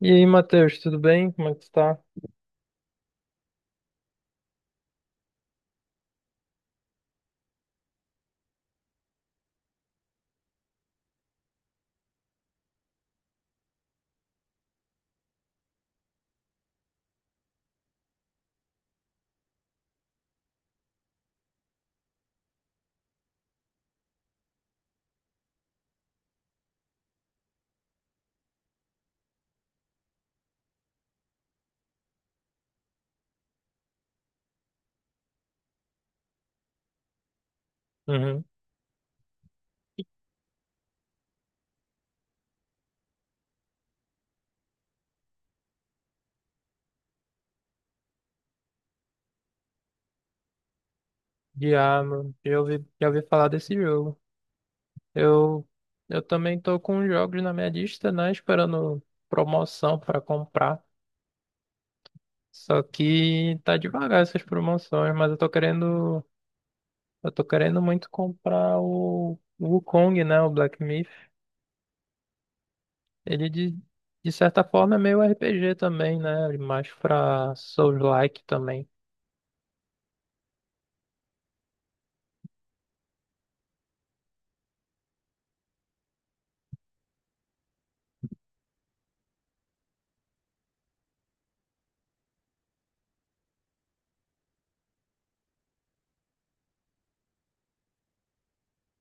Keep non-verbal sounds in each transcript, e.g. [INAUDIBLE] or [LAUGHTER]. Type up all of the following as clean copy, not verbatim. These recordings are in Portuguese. E aí, Matheus, tudo bem? Como é que tu tá? Uhum. Mano, já ouvi falar desse jogo. Eu, eu também tô com os jogos na minha lista, né? Esperando promoção pra comprar. Só que tá devagar essas promoções, mas eu tô querendo muito comprar o Wukong, né? O Black Myth. Ele de, de certa forma é meio RPG também, né? Mais pra Souls-like também.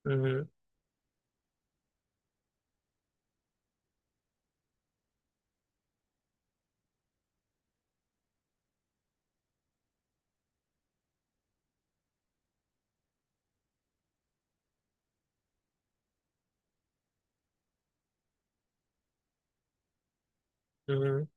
Uhum, uhum.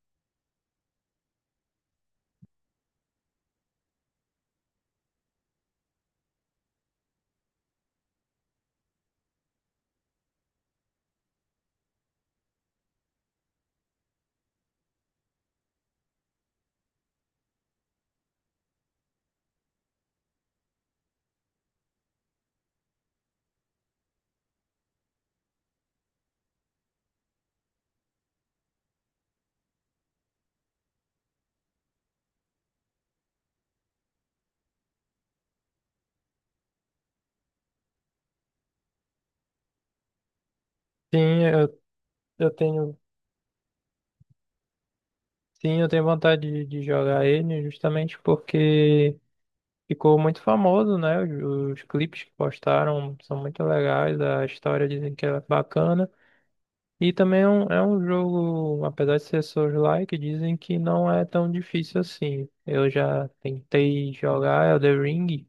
Sim, eu, eu tenho. Sim, eu tenho vontade de jogar ele justamente porque ficou muito famoso, né? Os clipes que postaram são muito legais, a história dizem que é bacana. E também é é um jogo, apesar de ser Souls-like, dizem que não é tão difícil assim. Eu já tentei jogar Elden Ring,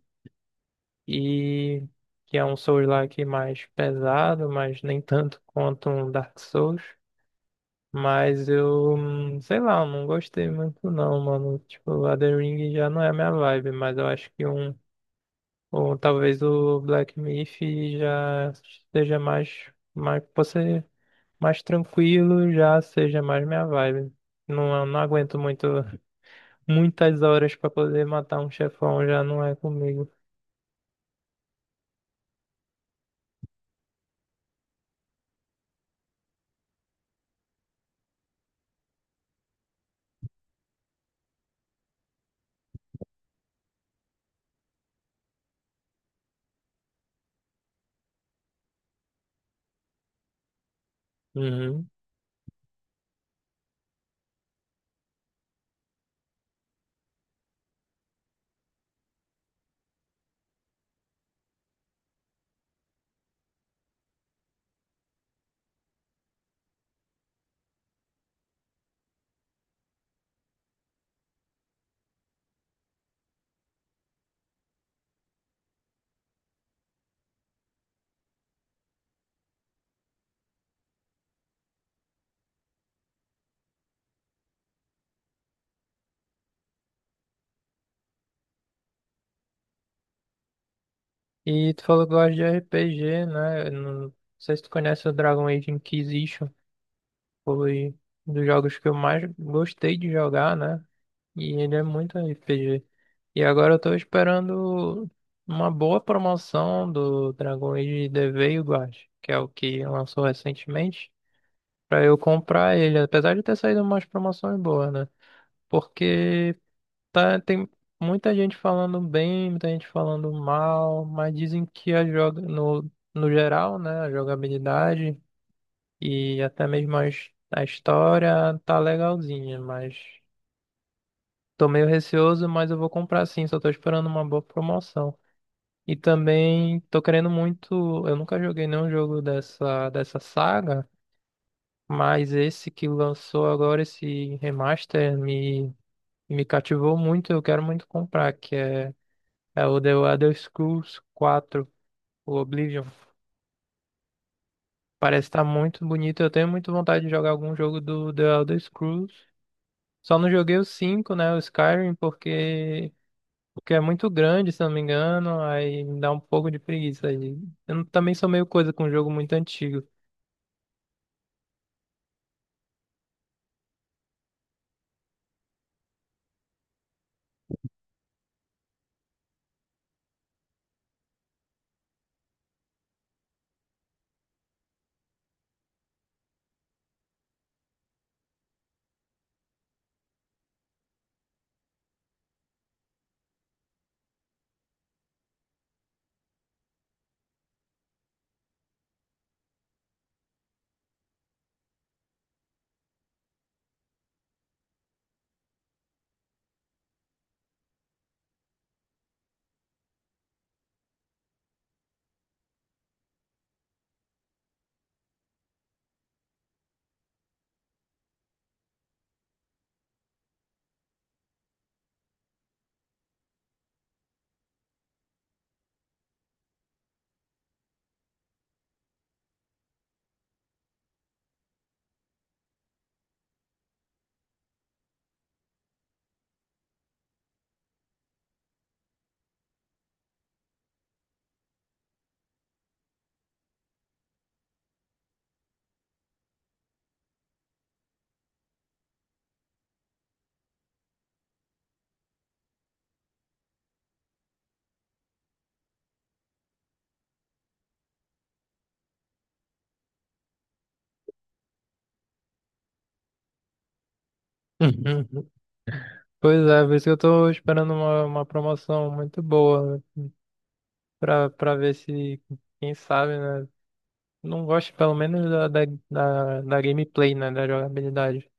e que é um Souls-like mais pesado, mas nem tanto quanto um Dark Souls. Mas sei lá, eu não gostei muito não, mano. Tipo, a The Ring já não é a minha vibe, mas eu acho que ou talvez o Black Myth já seja pode ser mais tranquilo, já seja mais minha vibe. Não, eu não aguento muito, [LAUGHS] muitas horas pra poder matar um chefão, já não é comigo. Uhum. E tu falou que gosta de RPG, né? Eu não sei se tu conhece o Dragon Age Inquisition. Foi um dos jogos que eu mais gostei de jogar, né? E ele é muito RPG. E agora eu tô esperando uma boa promoção do Dragon Age The Veilguard, que é o que lançou recentemente, pra eu comprar ele, apesar de ter saído umas promoções boas, né? Porque tá, tem muita gente falando bem, muita gente falando mal, mas dizem que a joga no geral, né, a jogabilidade e até mesmo a história tá legalzinha, mas tô meio receoso, mas eu vou comprar sim, só tô esperando uma boa promoção. E também tô querendo muito, eu nunca joguei nenhum jogo dessa saga, mas esse que lançou agora, esse remaster, me cativou muito, eu quero muito comprar, é o The Elder Scrolls 4 o Oblivion. Parece estar muito bonito, eu tenho muito vontade de jogar algum jogo do The Elder Scrolls. Só não joguei o 5, né? O Skyrim, porque é muito grande, se não me engano. Aí me dá um pouco de preguiça aí. Eu não- também sou meio coisa com um jogo muito antigo. [LAUGHS] Pois é, por isso que eu tô esperando uma promoção muito boa pra ver se, quem sabe, né? Não gosto pelo menos da gameplay, né? Da jogabilidade.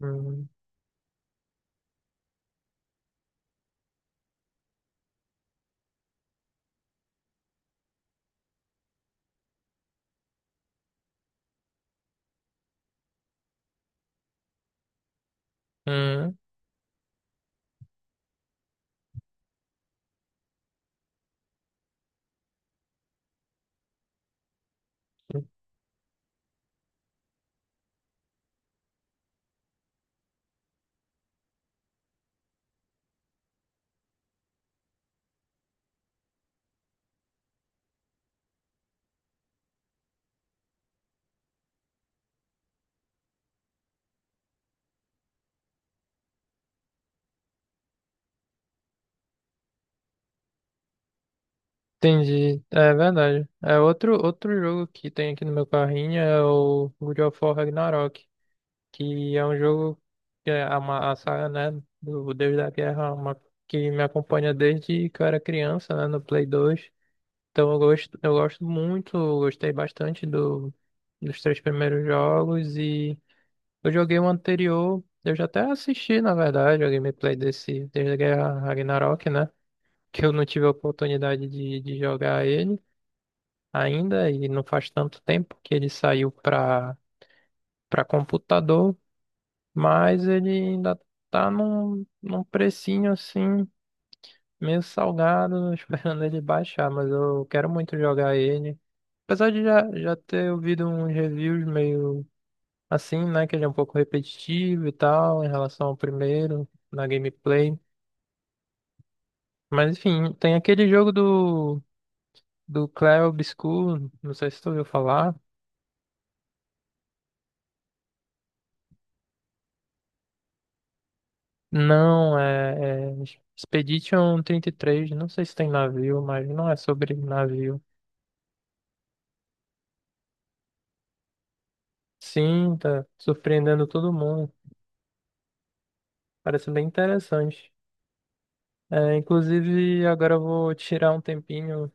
Hum, hum, entendi. É verdade. É outro jogo que tem aqui no meu carrinho é o God of War Ragnarok, que é um jogo que é a saga, né, do Deus da Guerra, uma, que me acompanha desde que eu era criança, né, no Play 2. Então eu gosto muito, eu gostei bastante dos três primeiros jogos e eu joguei o anterior, eu já até assisti, na verdade, a gameplay desse desde a Guerra Ragnarok, né? Que eu não tive a oportunidade de jogar ele ainda e não faz tanto tempo que ele saiu para computador, mas ele ainda tá num precinho assim, meio salgado, [LAUGHS] esperando ele baixar, mas eu quero muito jogar ele. Apesar de já ter ouvido uns reviews meio assim, né? Que ele é um pouco repetitivo e tal, em relação ao primeiro, na gameplay. Mas enfim, tem aquele jogo do, do Clair Obscur, não sei se tu ouviu falar. Não, é, é Expedition 33, não sei se tem navio, mas não é sobre navio. Sim, tá surpreendendo todo mundo. Parece bem interessante. É, inclusive, agora eu vou tirar um tempinho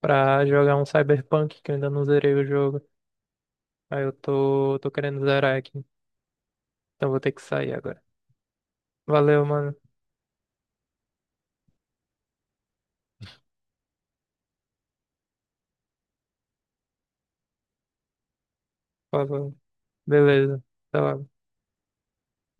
pra jogar um Cyberpunk, que eu ainda não zerei o jogo. Tô querendo zerar aqui. Então vou ter que sair agora. Valeu, mano. Falou. Beleza. Até logo.